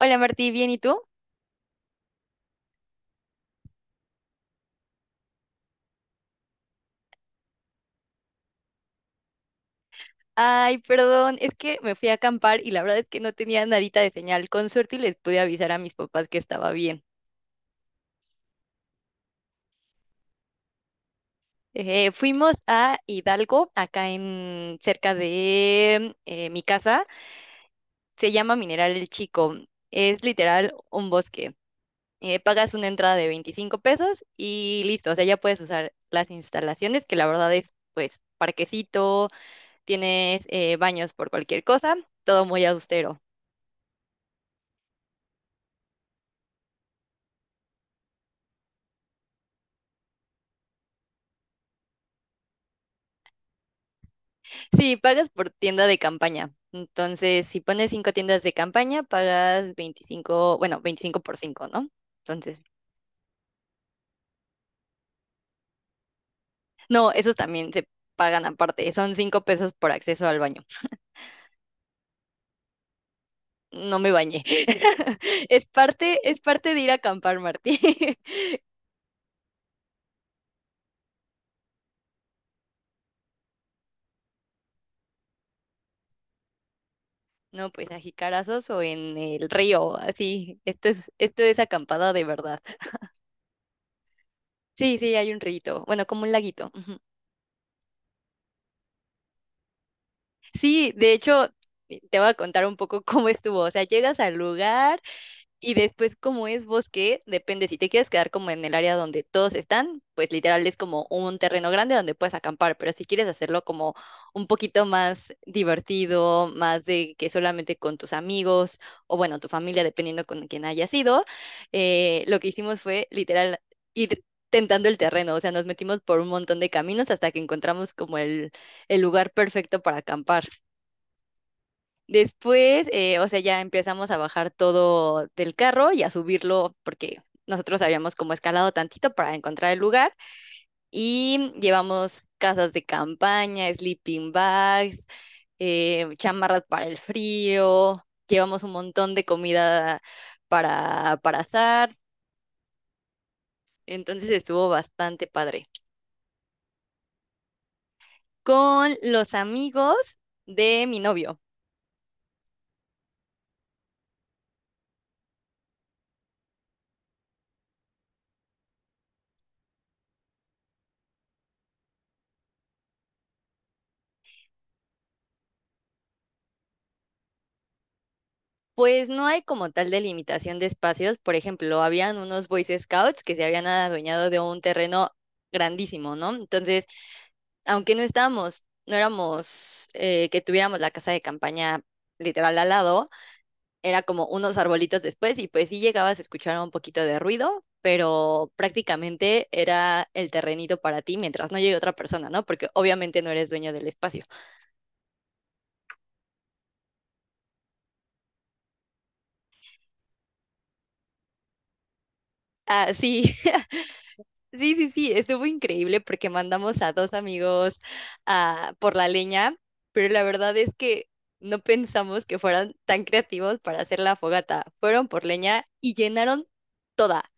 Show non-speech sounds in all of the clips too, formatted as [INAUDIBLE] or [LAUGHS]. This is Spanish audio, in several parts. Hola Martí, ¿bien y tú? Ay, perdón, es que me fui a acampar y la verdad es que no tenía nadita de señal. Con suerte y les pude avisar a mis papás que estaba bien. Fuimos a Hidalgo, acá en cerca de mi casa. Se llama Mineral El Chico. Es literal un bosque. Pagas una entrada de 25 pesos y listo. O sea, ya puedes usar las instalaciones, que la verdad es, pues, parquecito. Tienes baños por cualquier cosa, todo muy austero. Sí, pagas por tienda de campaña. Entonces, si pones cinco tiendas de campaña, pagas 25, bueno, 25 por 5, ¿no? Entonces, no, esos también se pagan aparte. Son 5 pesos por acceso al baño. No me bañé. [LAUGHS] Es parte de ir a acampar, Martí. [LAUGHS] No, pues a jicarazos o en el río, así. Esto es acampada de verdad. Sí, sí, hay un rito. Bueno, como un laguito. Ujú. Sí, de hecho, te voy a contar un poco [LAUGHS] cómo estuvo. O sea, llegas al lugar. Y después, como es bosque, depende si te quieres quedar como en el área donde todos están, pues literal es como un terreno grande donde puedes acampar, pero si quieres hacerlo como un poquito más divertido, más de que solamente con tus amigos o bueno, tu familia, dependiendo con quién haya sido, lo que hicimos fue literal ir tentando el terreno. O sea, nos metimos por un montón de caminos hasta que encontramos como el lugar perfecto para acampar. Después, o sea, ya empezamos a bajar todo del carro y a subirlo porque nosotros habíamos como escalado tantito para encontrar el lugar y llevamos casas de campaña, sleeping bags, chamarras para el frío, llevamos un montón de comida para asar. Entonces estuvo bastante padre. Con los amigos de mi novio. Pues no hay como tal delimitación de espacios. Por ejemplo, habían unos Boy Scouts que se habían adueñado de un terreno grandísimo, ¿no? Entonces, aunque no estábamos, no éramos que tuviéramos la casa de campaña literal al lado, era como unos arbolitos después y pues sí llegabas a escuchar un poquito de ruido, pero prácticamente era el terrenito para ti mientras no llegue otra persona, ¿no? Porque obviamente no eres dueño del espacio. Así. [LAUGHS] Sí, sí, sí, estuvo increíble porque mandamos a dos amigos por la leña, pero la verdad es que no pensamos que fueran tan creativos para hacer la fogata. Fueron por leña y llenaron toda,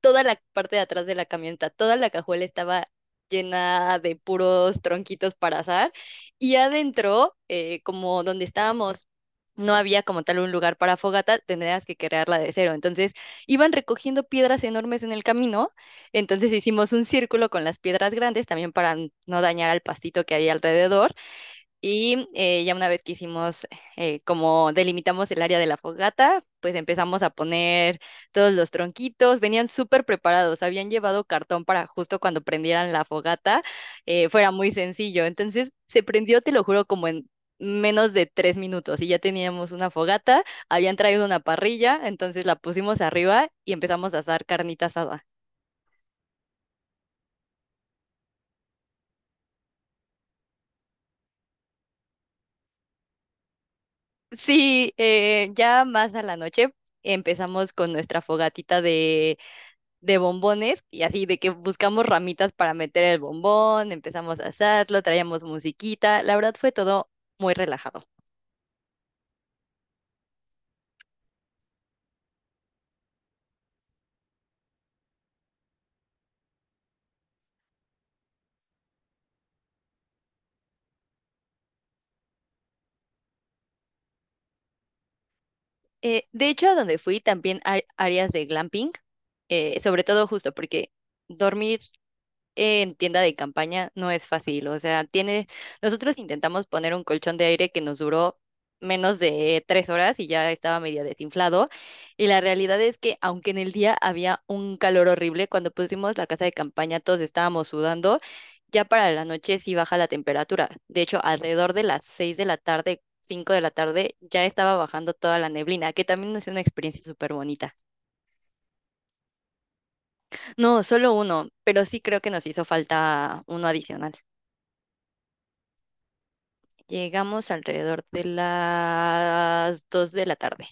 toda la parte de atrás de la camioneta, toda la cajuela estaba llena de puros tronquitos para asar y adentro, como donde estábamos no había como tal un lugar para fogata, tendrías que crearla de cero. Entonces iban recogiendo piedras enormes en el camino, entonces hicimos un círculo con las piedras grandes también para no dañar al pastito que había alrededor y ya una vez que hicimos, como delimitamos el área de la fogata, pues empezamos a poner todos los tronquitos. Venían súper preparados, habían llevado cartón para justo cuando prendieran la fogata, fuera muy sencillo. Entonces se prendió, te lo juro, como en menos de 3 minutos y ya teníamos una fogata. Habían traído una parrilla, entonces la pusimos arriba y empezamos a asar carnita asada. Sí, ya más a la noche empezamos con nuestra fogatita de bombones y así de que buscamos ramitas para meter el bombón, empezamos a hacerlo, traíamos musiquita, la verdad fue todo muy relajado. De hecho, a donde fui también hay áreas de glamping, sobre todo justo porque dormir en tienda de campaña no es fácil. O sea, tiene, nosotros intentamos poner un colchón de aire que nos duró menos de 3 horas y ya estaba medio desinflado. Y la realidad es que aunque en el día había un calor horrible, cuando pusimos la casa de campaña todos estábamos sudando, ya para la noche sí baja la temperatura. De hecho, alrededor de las 6 de la tarde, 5 de la tarde, ya estaba bajando toda la neblina, que también es una experiencia súper bonita. No, solo uno, pero sí creo que nos hizo falta uno adicional. Llegamos alrededor de las 2 de la tarde.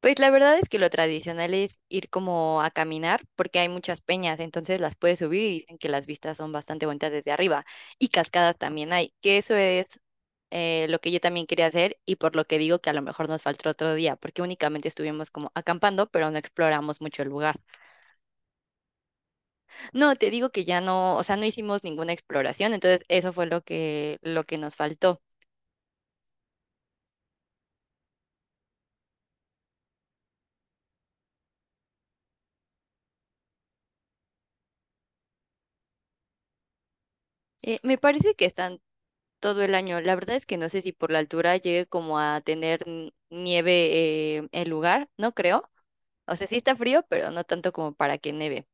Pues la verdad es que lo tradicional es ir como a caminar porque hay muchas peñas, entonces las puedes subir y dicen que las vistas son bastante bonitas desde arriba y cascadas también hay, que eso es lo que yo también quería hacer y por lo que digo que a lo mejor nos faltó otro día porque únicamente estuvimos como acampando pero no exploramos mucho el lugar. No, te digo que ya no, o sea, no hicimos ninguna exploración, entonces eso fue lo que nos faltó. Me parece que están todo el año. La verdad es que no sé si por la altura llegue como a tener nieve el lugar, no creo. O sea, sí está frío, pero no tanto como para que neve.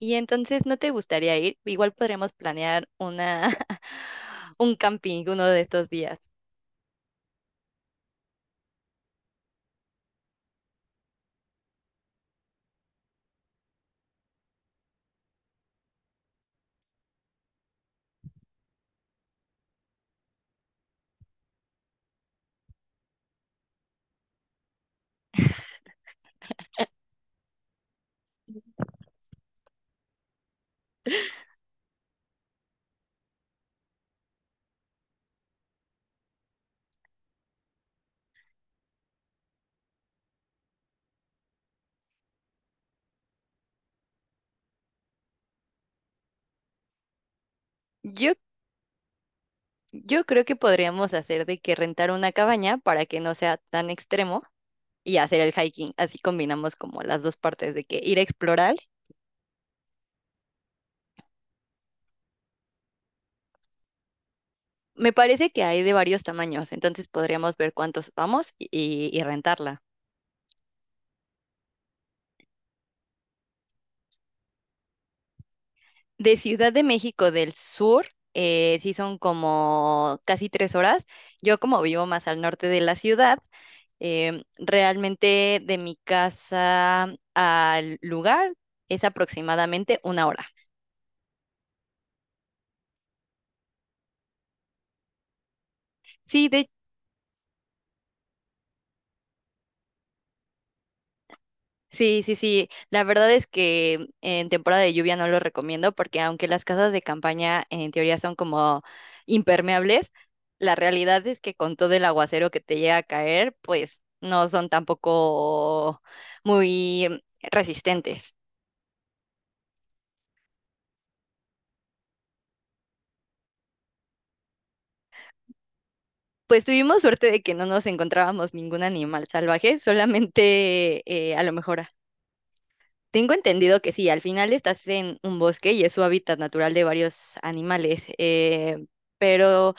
Y entonces, ¿no te gustaría ir? Igual podríamos planear una [LAUGHS] un camping uno de estos días. Yo yo creo que podríamos hacer de que rentar una cabaña para que no sea tan extremo y hacer el hiking. Así combinamos como las dos partes de que ir a explorar. Me parece que hay de varios tamaños, entonces podríamos ver cuántos vamos y rentarla. De Ciudad de México del Sur, sí son como casi 3 horas. Yo como vivo más al norte de la ciudad, realmente de mi casa al lugar es aproximadamente una hora. Sí, de. Sí, sí, sí. La verdad es que en temporada de lluvia no lo recomiendo porque aunque las casas de campaña en teoría son como impermeables, la realidad es que con todo el aguacero que te llega a caer, pues no son tampoco muy resistentes. Pues tuvimos suerte de que no nos encontrábamos ningún animal salvaje, solamente a lo mejor. Tengo entendido que sí, al final estás en un bosque y es su hábitat natural de varios animales, pero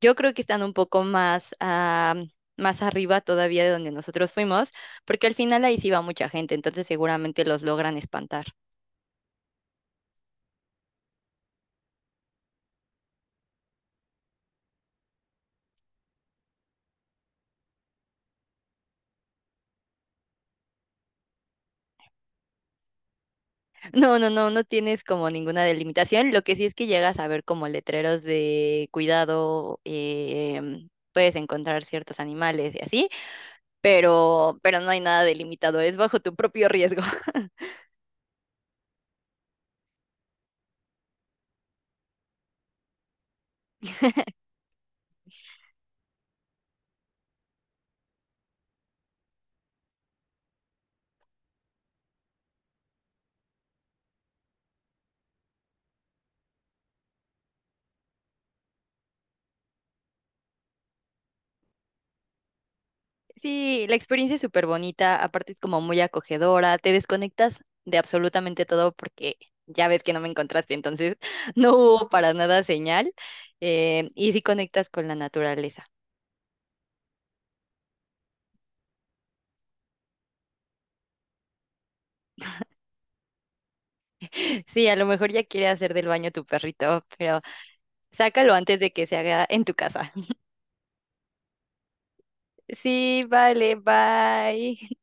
yo creo que están un poco más, más arriba todavía de donde nosotros fuimos, porque al final ahí sí va mucha gente, entonces seguramente los logran espantar. [LAUGHS] No, no, no, no tienes como ninguna delimitación. Lo que sí es que llegas a ver como letreros de cuidado, puedes encontrar ciertos animales y así, pero no hay nada delimitado, es bajo tu propio riesgo. Sí, la experiencia es súper bonita, aparte es como muy acogedora, te desconectas de absolutamente todo porque ya ves que no me encontraste, entonces [LAUGHS] no hubo para nada señal y sí conectas con la naturaleza. Sí, a lo mejor ya quiere hacer del baño tu perrito, pero sácalo antes de que se haga en tu casa. Sí, vale, bye.